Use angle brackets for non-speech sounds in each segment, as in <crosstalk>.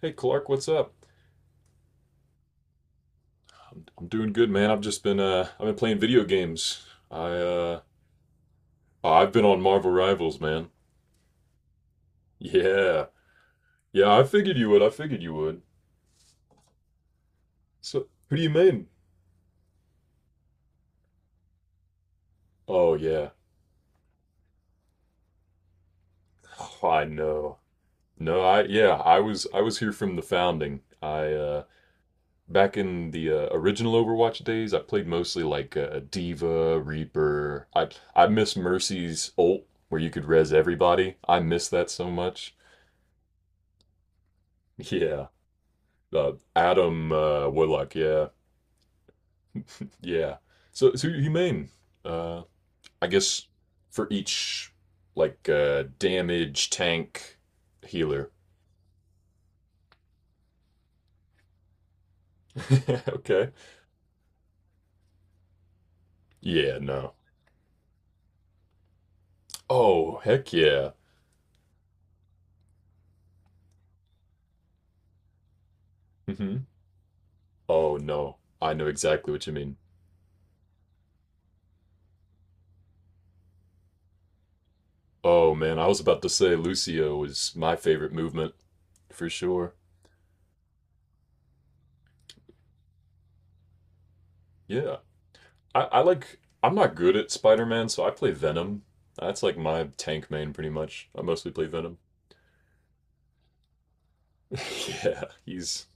Hey Clark, what's up? I'm doing good, man. I've just been I've been playing video games. I uh Oh, I've been on Marvel Rivals, man. Yeah. Yeah, I figured you would. I figured you would. So, who do you mean? Oh yeah. Oh, I know. No, I Yeah, I was here from the founding. I Back in the original Overwatch days, I played mostly like Diva, Reaper. I miss Mercy's ult where you could res everybody. I miss that so much. <laughs> Yeah. Adam Woodlock. Yeah, yeah. So so humane. Uh, I guess for each like damage, tank, healer. <laughs> Okay. Yeah. No. Oh heck yeah. Hmm. Oh no. I know exactly what you mean. Oh man, I was about to say Lucio was my favorite movement for sure. Yeah. I like. I'm not good at Spider Man, so I play Venom. That's like my tank main pretty much. I mostly play Venom. <laughs> Yeah, he's.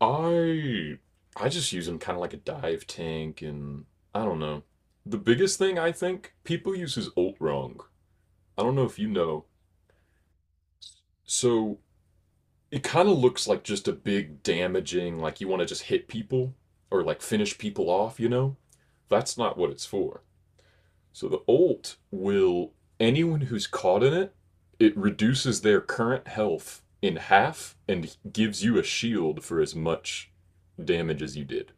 I I just use him kind of like a dive tank, and I don't know. The biggest thing, I think people use his ult wrong. I don't know if you know. So it kind of looks like just a big damaging, like you want to just hit people or like finish people off. You know, that's not what it's for. So the ult will, anyone who's caught in it, it reduces their current health in half and gives you a shield for as much damage as you did.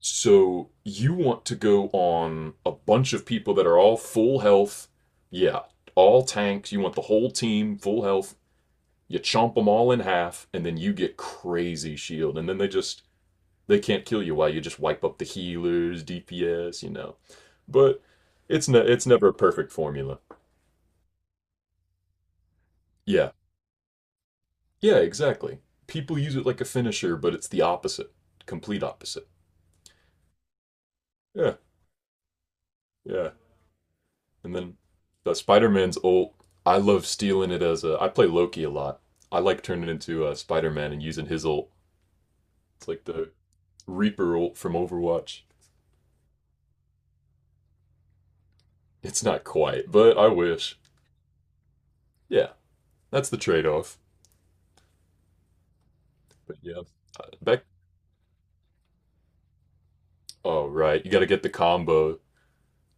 So you want to go on a bunch of people that are all full health. Yeah, all tanks. You want the whole team full health. You chomp them all in half, and then you get crazy shield, and then they just they can't kill you while you just wipe up the healers, DPS, you know. But it's never a perfect formula. Yeah. Yeah, exactly. People use it like a finisher, but it's the opposite. Complete opposite. Yeah. Yeah. And then the Spider-Man's ult, I love stealing it as a I play Loki a lot. I like turning it into Spider-Man and using his ult. It's like the Reaper ult from Overwatch. It's not quite, but I wish. Yeah, that's the trade-off. But yeah, back Oh right, you got to get the combo.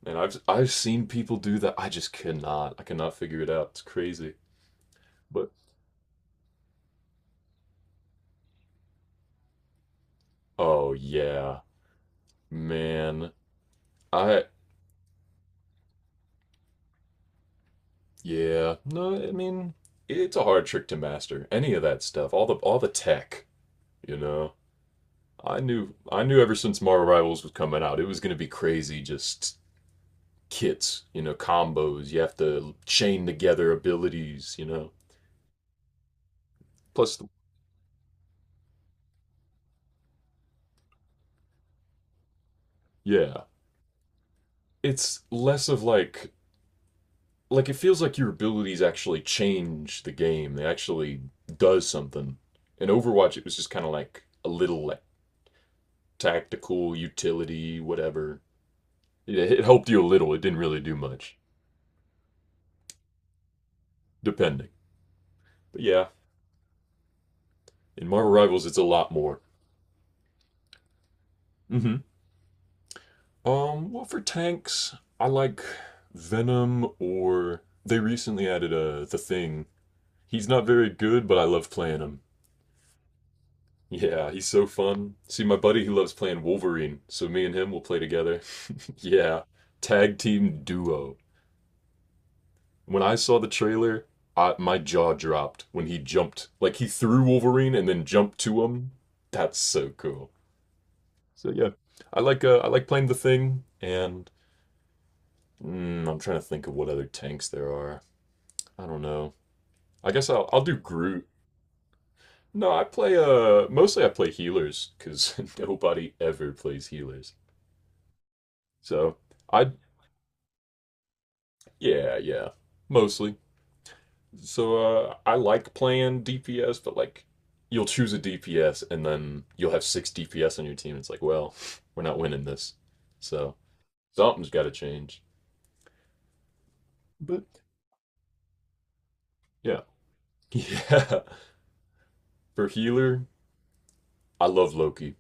And I've seen people do that. I just cannot. I cannot figure it out. It's crazy. But oh yeah, man. I yeah. No, I mean it's a hard trick to master. Any of that stuff, all the tech, you know. I knew ever since Marvel Rivals was coming out, it was going to be crazy just kits, you know, combos. You have to chain together abilities, you know. Plus the, yeah, it's less of like it feels like your abilities actually change the game. They actually does something. In Overwatch, it was just kind of like a little like tactical utility, whatever. It helped you a little. It didn't really do much, depending. But yeah, in Marvel Rivals, it's a lot more. Mm-hmm. Well, for tanks, I like Venom, or they recently added the Thing. He's not very good, but I love playing him. Yeah, he's so fun. See, my buddy, he loves playing Wolverine, so me and him will play together. <laughs> Yeah, tag team duo. When I saw the trailer, my jaw dropped when he jumped. Like he threw Wolverine and then jumped to him. That's so cool. So yeah, I like playing the Thing, and mm, I'm trying to think of what other tanks there are. I don't know. I guess I'll do Groot. No, I play mostly I play healers because <laughs> nobody ever plays healers. So. I Yeah, yeah. Mostly. So I like playing DPS, but like you'll choose a DPS and then you'll have six DPS on your team. It's like, well, we're not winning this. So something's got to change. But yeah, <laughs> yeah. For healer, I love Loki.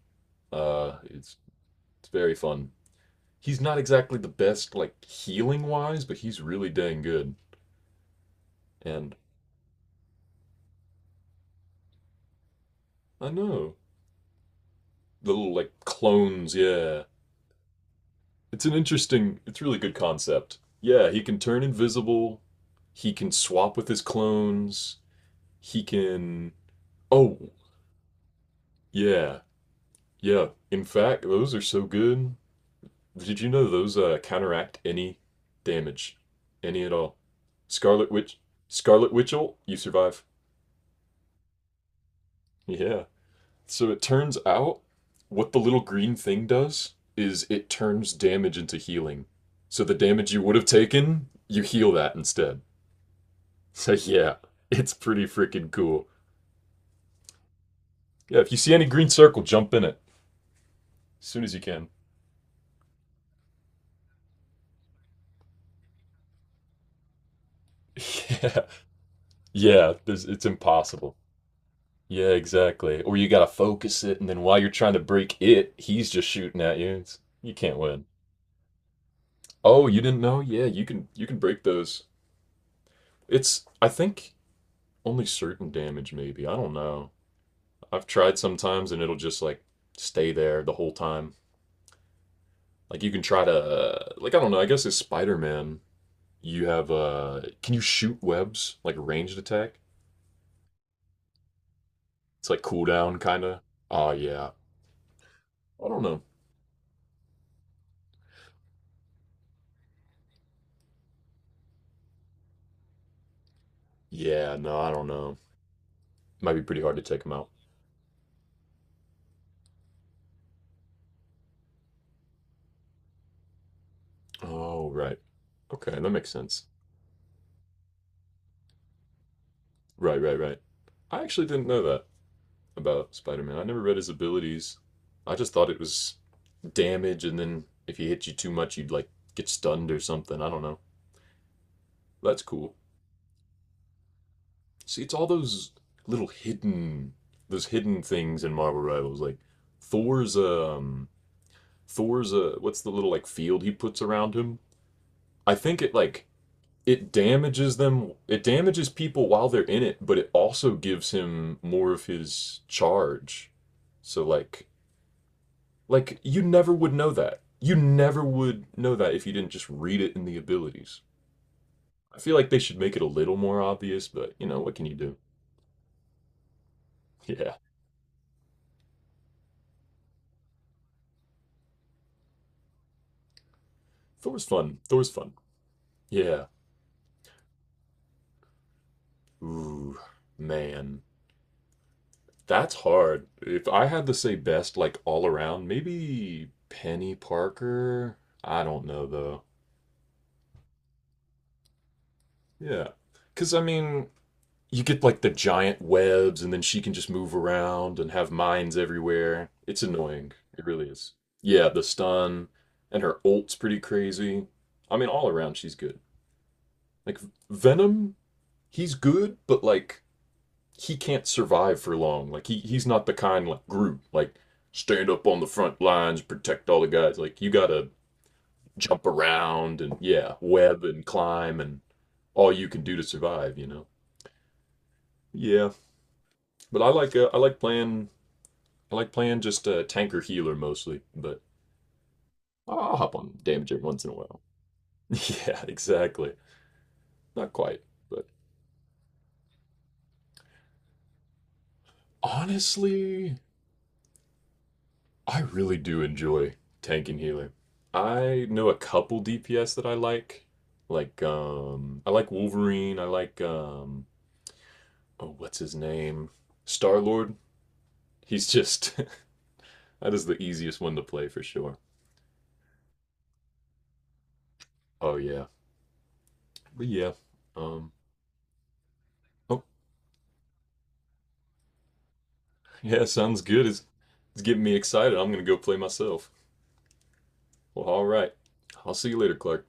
Uh, it's it's very fun. He's not exactly the best like healing wise, but he's really dang good. And I know the little like clones, yeah. It's an interesting, it's really good concept. Yeah, he can turn invisible. He can swap with his clones. He can. Oh, yeah, yeah. In fact, those are so good. Did you know those counteract any damage, any at all? Scarlet Witch, Scarlet Witchel, you survive. Yeah. So it turns out what the little green thing does is it turns damage into healing. So the damage you would have taken, you heal that instead. <laughs> So yeah, it's pretty freaking cool. Yeah, if you see any green circle, jump in it as soon as you can. <laughs> Yeah, it's impossible. Yeah, exactly. Or you gotta focus it, and then while you're trying to break it, he's just shooting at you. You can't win. Oh, you didn't know? Yeah, you can. You can break those. It's I think only certain damage, maybe. I don't know. I've tried sometimes, and it'll just like stay there the whole time. Like you can try to like I don't know. I guess it's Spider Man. You have can you shoot webs like a ranged attack? It's like cooldown kinda. Oh yeah. I don't know. Yeah, no, I don't know. Might be pretty hard to take them out. Oh right. Okay, that makes sense. Right, right, right. I actually didn't know that about Spider Man. I never read his abilities. I just thought it was damage, and then if he hit you too much you'd like get stunned or something. I don't know. That's cool. See, it's all those little hidden those hidden things in Marvel Rivals. Like Thor's um Thor's what's the little like field he puts around him? I think it like it damages people while they're in it, but it also gives him more of his charge. So like you never would know that. You never would know that if you didn't just read it in the abilities. I feel like they should make it a little more obvious, but you know, what can you do? <laughs> Yeah. Thor's fun. Thor's fun. Yeah. Ooh, man. That's hard. If I had to say best, like all around, maybe Penny Parker. I don't know though. Yeah. Because, I mean, you get like the giant webs and then she can just move around and have mines everywhere. It's annoying. It really is. Yeah, the stun and her ult's pretty crazy. I mean, all around, she's good. Like, Venom, he's good, but like, he can't survive for long. Like he's not the kind like Groot, like stand up on the front lines, protect all the guys. Like you gotta jump around and yeah, web and climb and all you can do to survive. You know. Yeah, but I like I like playing just a tanker healer mostly, but I'll hop on damage every once in a while. <laughs> Yeah, exactly. Not quite, but honestly, I really do enjoy tank and healer. I know a couple DPS that I like. Like I like Wolverine, I like oh what's his name? Star Lord. He's just <laughs> that is the easiest one to play for sure. Oh yeah. But yeah. Um oh yeah, sounds good. It's getting me excited. I'm gonna go play myself. Well all right. I'll see you later, Clark.